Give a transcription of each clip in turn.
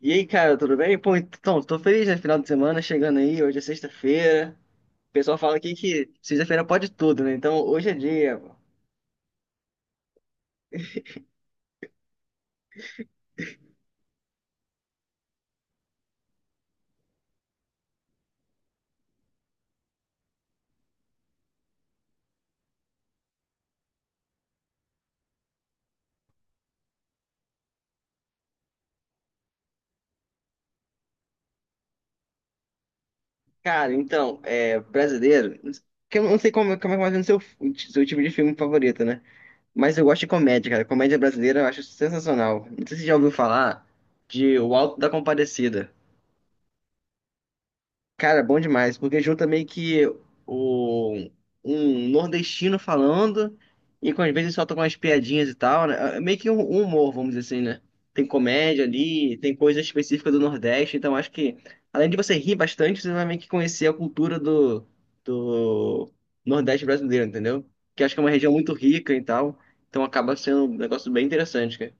E aí, cara, tudo bem? Pô, então, tô feliz, né? Final de semana chegando aí, hoje é sexta-feira. O pessoal fala aqui que sexta-feira pode tudo, né? Então, hoje é dia. Pô. Cara, então, é brasileiro. Que eu não sei como, como é mais o seu tipo de filme favorito, né? Mas eu gosto de comédia, cara. Comédia brasileira eu acho sensacional. Não sei se você já ouviu falar de O Alto da Compadecida. Cara, bom demais, porque junta meio que o, um nordestino falando e com às vezes solta umas piadinhas e tal, né? É meio que um humor, vamos dizer assim, né? Tem comédia ali, tem coisa específica do Nordeste, então acho que além de você rir bastante, você vai meio que conhecer a cultura do, do Nordeste brasileiro, entendeu? Que acho que é uma região muito rica e tal, então acaba sendo um negócio bem interessante, cara.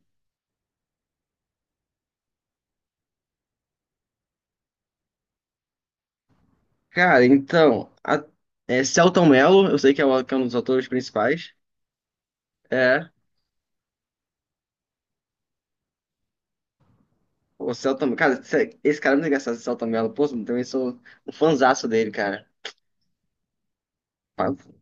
Cara, então, a, é, Selton Mello, eu sei que é, que é um dos autores principais. É. O Celta, cara, esse cara é muito engraçado, esse Celta Mello. Pô, eu também sou um fanzaço dele, cara. Fa-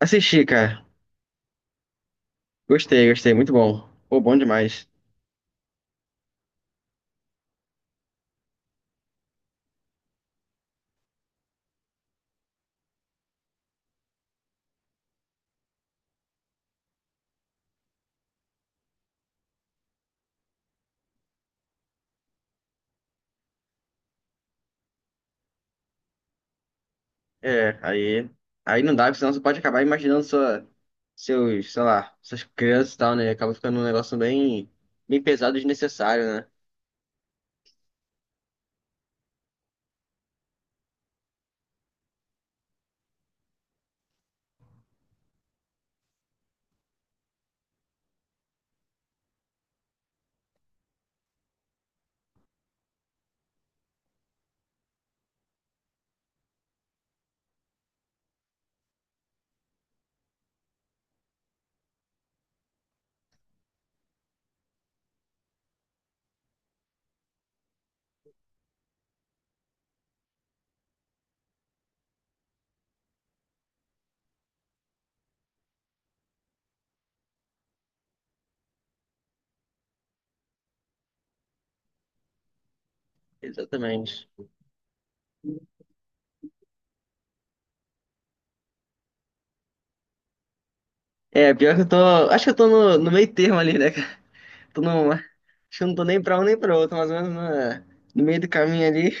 Assisti, cara. Gostei, gostei, muito bom. Pô, bom demais. É, aí, aí não dá, porque senão você pode acabar imaginando sua, seus, sei lá, suas crianças e tal, né? Acaba ficando um negócio bem, bem pesado e desnecessário, né? Exatamente. É, pior que eu tô, acho que eu tô no meio termo ali, né, cara? Tô no, acho que eu não tô nem pra um nem pra outro, mais ou menos no meio do caminho ali.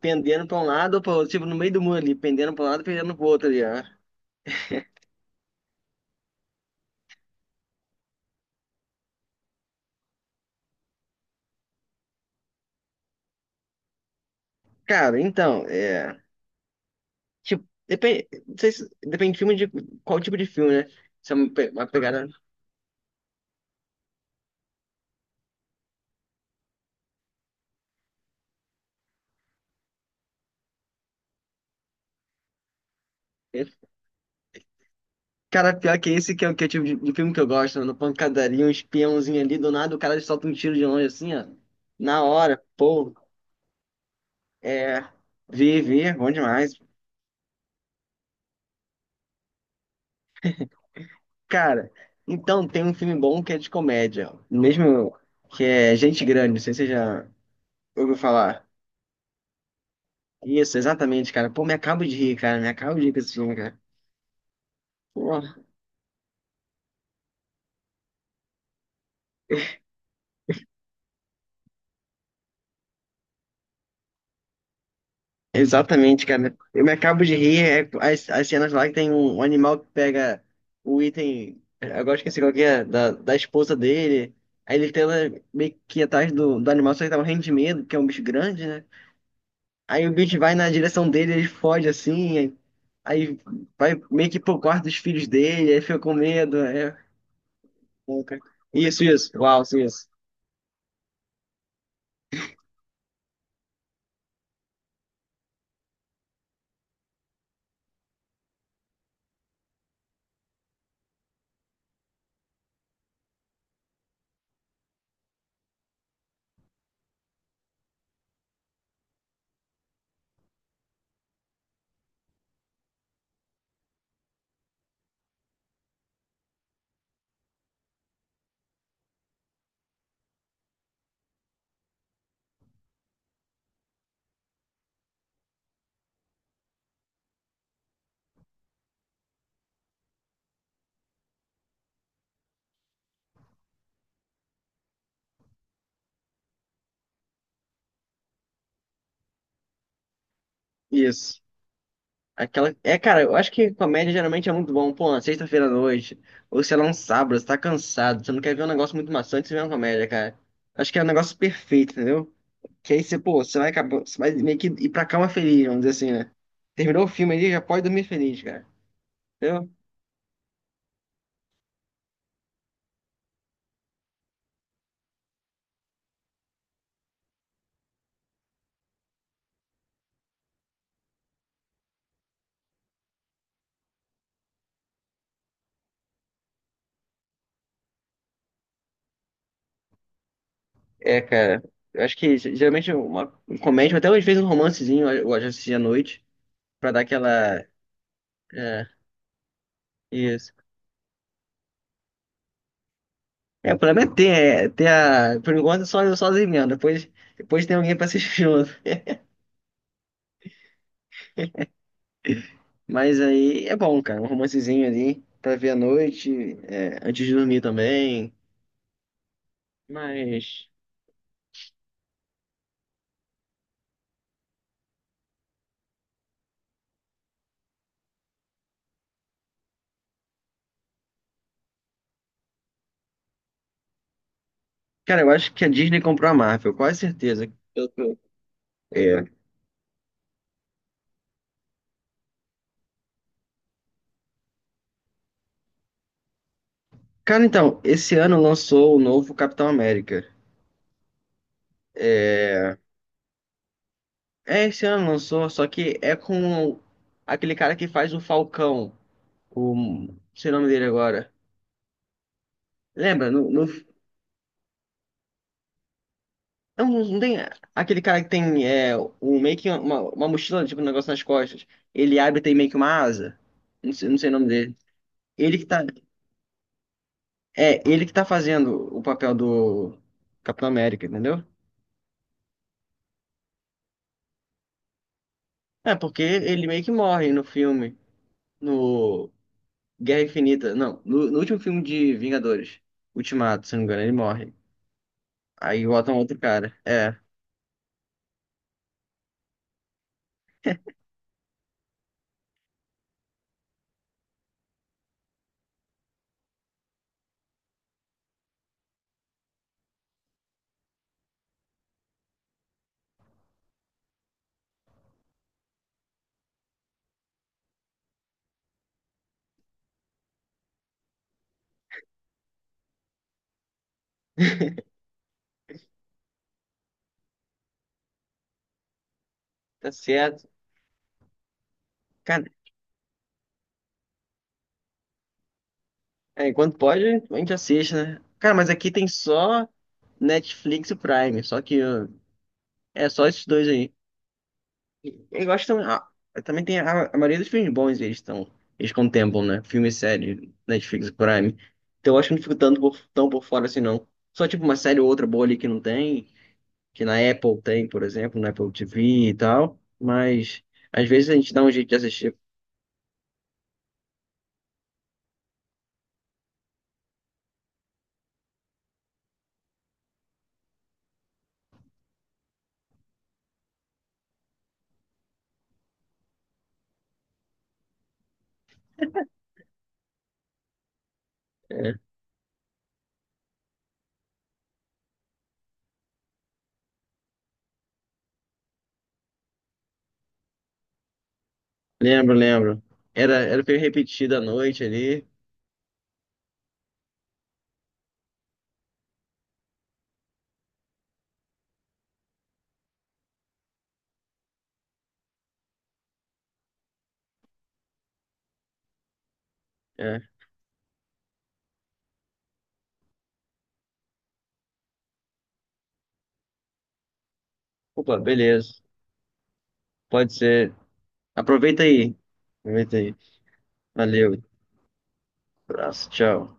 Pendendo pra um lado ou pra outro, tipo, no meio do muro ali, pendendo pra um lado, pendendo pro outro ali, ó. Cara, então, é. Tipo, depende, não sei se, depende de filme de qual tipo de filme, né? Se é uma, uma pegada. Cara, pior que esse que é o tipo de filme que eu gosto, mano. Pancadaria, um espiãozinho ali, do nada o cara solta um tiro de longe assim, ó. Na hora, pô, é. Vi, vi, bom demais. Cara, então tem um filme bom que é de comédia, ó. Mesmo que é Gente Grande, não sei se você já ouviu falar. Isso, exatamente, cara. Pô, me acabo de rir, cara. Me acabo de rir com esse filme, cara. Pô, exatamente, cara. Eu me acabo de rir. É, as cenas lá que tem um, um animal que pega o item. Agora esqueci qual que é, da, da esposa dele. Aí ele tenta meio que ir atrás do, do animal, só que tá morrendo de medo, que é um bicho grande, né? Aí o bicho vai na direção dele, ele foge assim. Aí vai meio que pro quarto dos filhos dele, aí fica com medo. É, pô, cara. Isso, isso. Uau, isso, isso. Aquela. É, cara, eu acho que comédia geralmente é muito bom. Pô, na sexta-feira à noite, ou sei lá, um sábado, você tá cansado, você não quer ver um negócio muito maçante, você vê uma comédia, cara. Acho que é um negócio perfeito, entendeu? Que aí você, pô, você vai acabar, você vai meio que ir pra cama feliz, vamos dizer assim, né? Terminou o filme ali, já pode dormir feliz, cara. Entendeu? É, cara. Eu acho que geralmente uma comédia, até às vezes um romancezinho, eu gosto de à noite, pra dar aquela. É, isso. É, o problema é, ter a. Por enquanto, só sozinho mesmo. Depois, depois tem alguém pra assistir junto. Mas aí é bom, cara, um romancezinho ali pra ver à noite, é, antes de dormir também. Mas, cara, eu acho que a Disney comprou a Marvel, quase certeza. Eu tô. É. Cara, então, esse ano lançou o novo Capitão América. É, é esse ano lançou, só que é com aquele cara que faz o Falcão, o, não sei o nome dele agora. Lembra? No, não, não tem aquele cara que tem é, um, meio que uma mochila, tipo um negócio nas costas. Ele abre e tem meio que uma asa. Não sei, não sei o nome dele. Ele que tá. É, ele que tá fazendo o papel do Capitão América, entendeu? É, porque ele meio que morre no filme. No Guerra Infinita. Não, no último filme de Vingadores. Ultimato, se não me engano, ele morre. Aí botam outro cara. É. Tá certo. Cara, é, enquanto pode, a gente assiste, né? Cara, mas aqui tem só Netflix e Prime, só que ó, é só esses dois aí. Eu gosto também. Ah, também tem a maioria dos filmes bons, eles estão. Eles contemplam, né? Filme e série, Netflix e Prime. Então eu acho que não fico tanto por, tão por fora assim, não. Só tipo uma série ou outra boa ali que não tem, que na Apple tem, por exemplo, na Apple TV e tal. Mas às vezes a gente dá um jeito de assistir. É, lembro, lembro. Era, era o que eu da noite ali. É. Opa, beleza. Pode ser. Aproveita aí. Aproveita aí. Valeu. Abraço. Tchau.